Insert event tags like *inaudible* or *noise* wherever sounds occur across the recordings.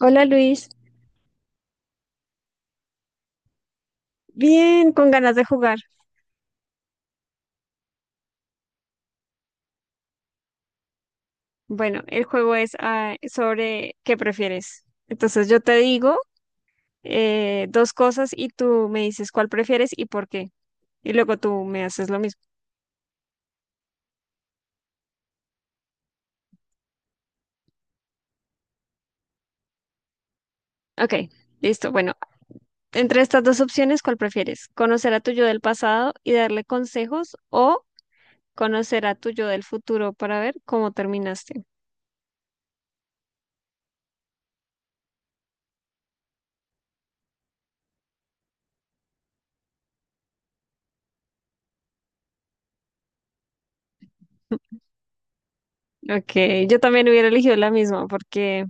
Hola, Luis, bien, con ganas de jugar. Bueno, el juego es sobre qué prefieres. Entonces yo te digo dos cosas y tú me dices cuál prefieres y por qué. Y luego tú me haces lo mismo. Ok, listo. Bueno, entre estas dos opciones, ¿cuál prefieres? ¿Conocer a tu yo del pasado y darle consejos, o conocer a tu yo del futuro para ver cómo terminaste? Ok, yo también hubiera elegido la misma, porque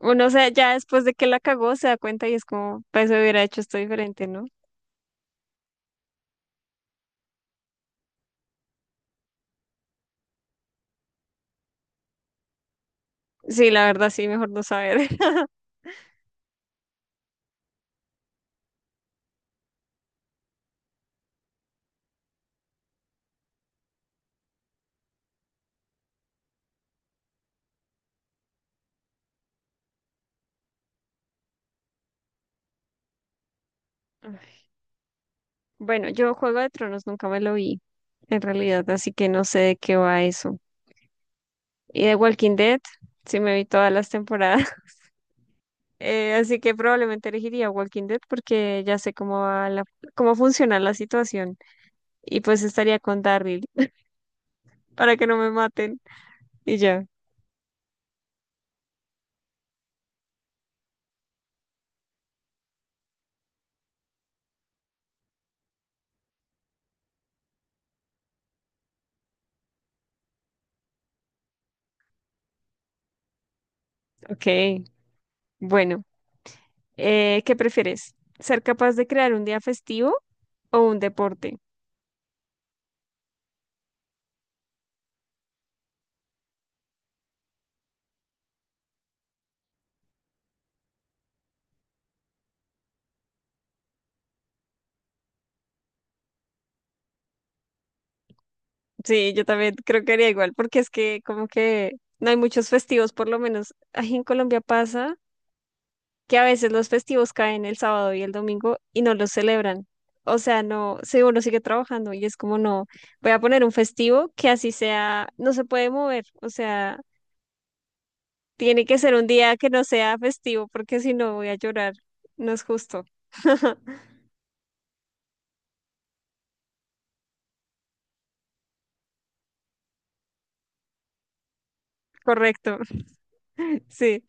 uno, o sea, ya después de que la cagó se da cuenta y es como, pues hubiera hecho esto diferente, ¿no? Sí, la verdad sí, mejor no saber. *laughs* Bueno, yo Juego de Tronos nunca me lo vi, en realidad, así que no sé de qué va eso. Y de Walking Dead, sí me vi todas las temporadas. *laughs* Así que probablemente elegiría Walking Dead, porque ya sé cómo va cómo funciona la situación, y pues estaría con Daryl para que no me maten y ya. Ok, bueno, ¿qué prefieres? ¿Ser capaz de crear un día festivo o un deporte? Sí, yo también creo que haría igual, porque es que como que no hay muchos festivos. Por lo menos aquí en Colombia pasa que a veces los festivos caen el sábado y el domingo y no los celebran. O sea, no, sí, uno sigue trabajando y es como no, voy a poner un festivo que así sea, no se puede mover. O sea, tiene que ser un día que no sea festivo, porque si no voy a llorar. No es justo. *laughs* Correcto. *laughs* Sí.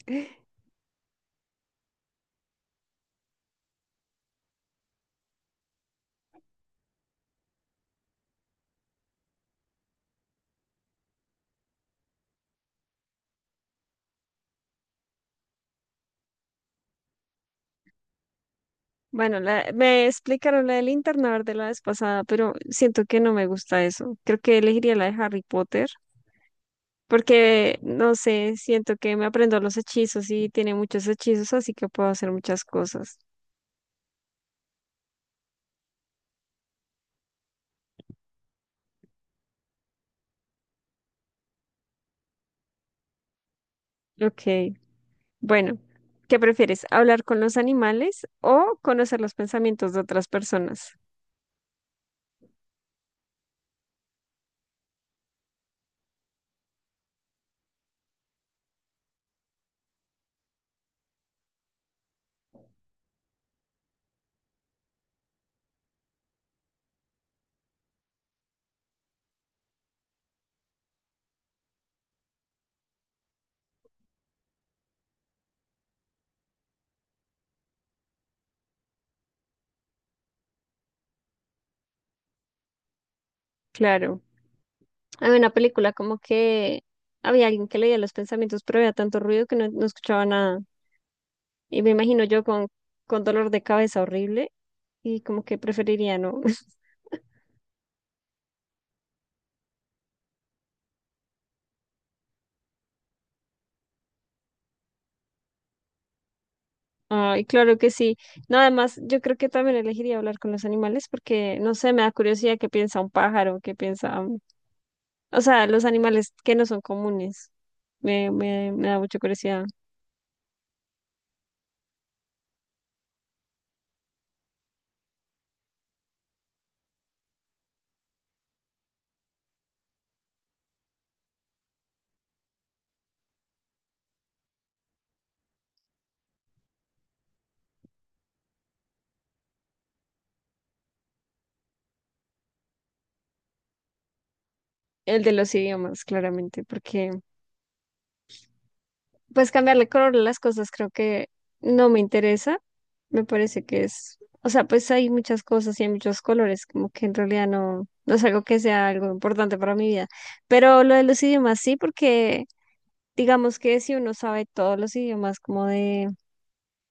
Bueno, me explicaron la del internar de la vez pasada, pero siento que no me gusta eso. Creo que elegiría la de Harry Potter, porque no sé, siento que me aprendo los hechizos y tiene muchos hechizos, así que puedo hacer muchas cosas. Ok, bueno, ¿qué prefieres? ¿Hablar con los animales o conocer los pensamientos de otras personas? Claro. Había una película como que había alguien que leía los pensamientos, pero había tanto ruido que no escuchaba nada. Y me imagino yo con dolor de cabeza horrible y como que preferiría no. *laughs* Ay, claro que sí. No, además, yo creo que también elegiría hablar con los animales porque, no sé, me da curiosidad qué piensa un pájaro, qué piensa, o sea, los animales que no son comunes. Me da mucha curiosidad. El de los idiomas, claramente, porque pues cambiarle color a las cosas creo que no me interesa. Me parece que es, o sea, pues hay muchas cosas y hay muchos colores, como que en realidad no, no es algo que sea algo importante para mi vida. Pero lo de los idiomas sí, porque digamos que si uno sabe todos los idiomas como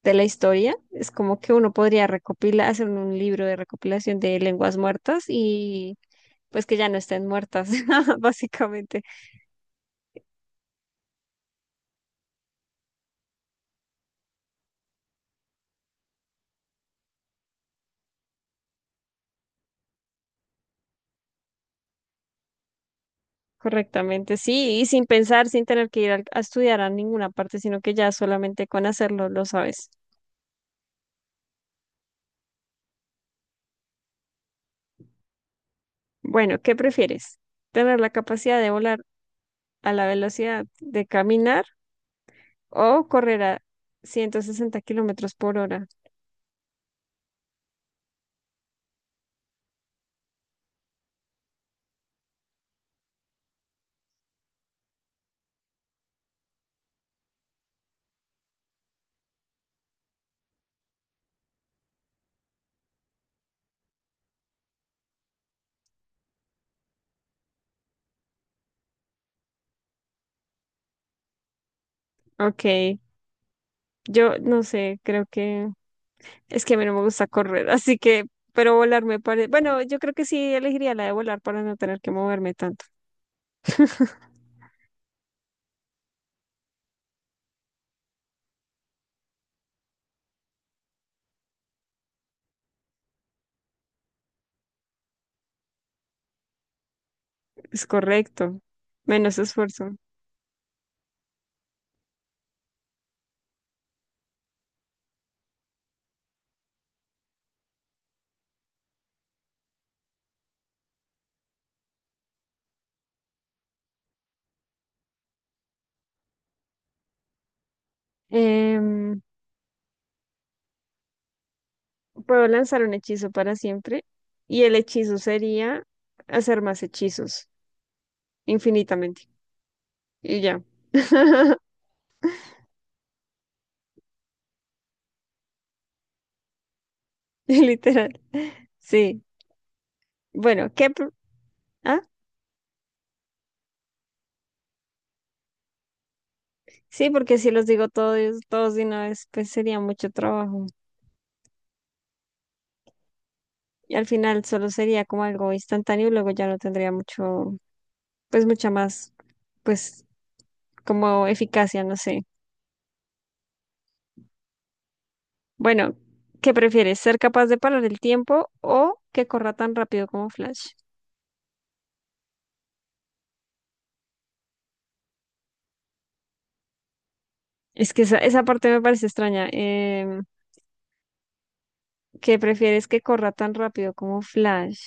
de la historia, es como que uno podría recopilar, hacer un libro de recopilación de lenguas muertas y pues que ya no estén muertas, *laughs* básicamente. Correctamente, sí, y sin pensar, sin tener que ir estudiar a ninguna parte, sino que ya solamente con hacerlo lo sabes. Bueno, ¿qué prefieres? ¿Tener la capacidad de volar a la velocidad de caminar o correr a 160 kilómetros por hora? Ok, yo no sé, creo que es que a mí no me gusta correr, *laughs* así que, pero volar me parece, bueno, yo creo que sí elegiría la de volar para no tener que moverme tanto. *laughs* Es correcto, menos esfuerzo. Em, Puedo lanzar un hechizo para siempre y el hechizo sería hacer más hechizos infinitamente. Y ya. *laughs* Literal. Sí. Bueno, ¿qué? Ah, sí, porque si los digo todos, todos de una vez, pues sería mucho trabajo. Y al final solo sería como algo instantáneo y luego ya no tendría mucho, pues mucha más, pues como eficacia, no sé. Bueno, ¿qué prefieres? ¿Ser capaz de parar el tiempo o que corra tan rápido como Flash? Es que esa parte me parece extraña. Que prefieres que corra tan rápido como Flash.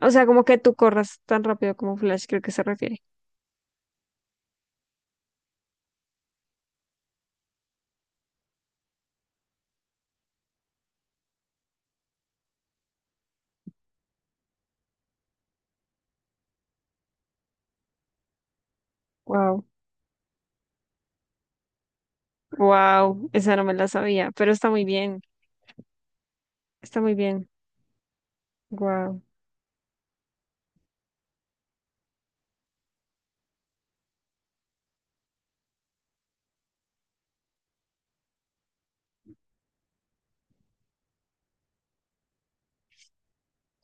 O sea, como que tú corras tan rápido como Flash, creo que se refiere. Wow. Wow, esa no me la sabía, pero está muy bien. Está muy bien. Wow.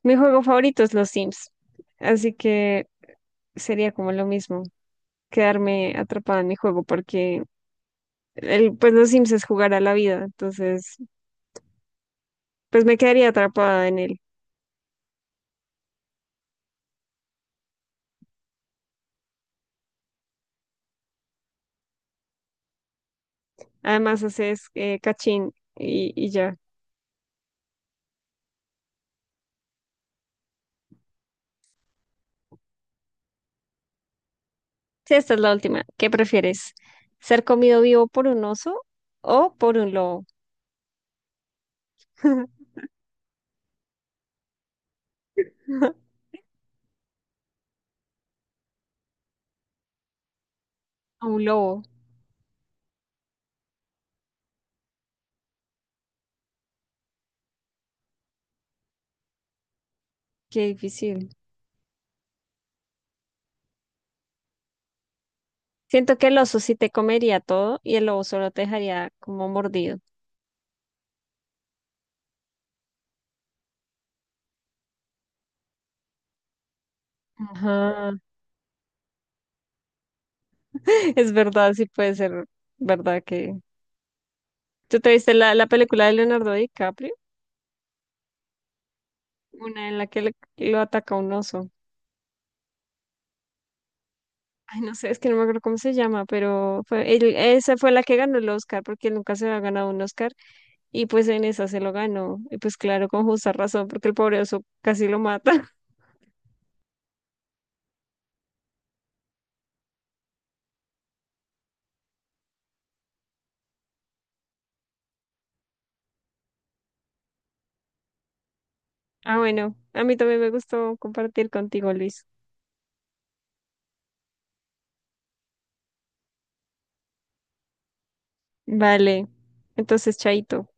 Mi juego favorito es los Sims. Así que sería como lo mismo, quedarme atrapada en mi juego, porque pues los Sims es jugar a la vida. Entonces, pues me quedaría atrapada en él. Además, haces cachín y ya. Sí, esta es la última. ¿Qué prefieres? ¿Ser comido vivo por un oso o por un lobo? *laughs* A un lobo. Qué difícil. Siento que el oso sí te comería todo y el lobo solo te dejaría como mordido. Ajá. *laughs* Es verdad, sí puede ser verdad que... ¿Tú te viste la película de Leonardo DiCaprio? Una en la que lo ataca un oso. Ay, no sé, es que no me acuerdo cómo se llama, pero fue, esa fue la que ganó el Oscar, porque él nunca se había ganado un Oscar, y pues en esa se lo ganó, y pues claro, con justa razón, porque el pobre oso casi lo mata. *laughs* Ah, bueno, a mí también me gustó compartir contigo, Luis. Vale, entonces, chaito.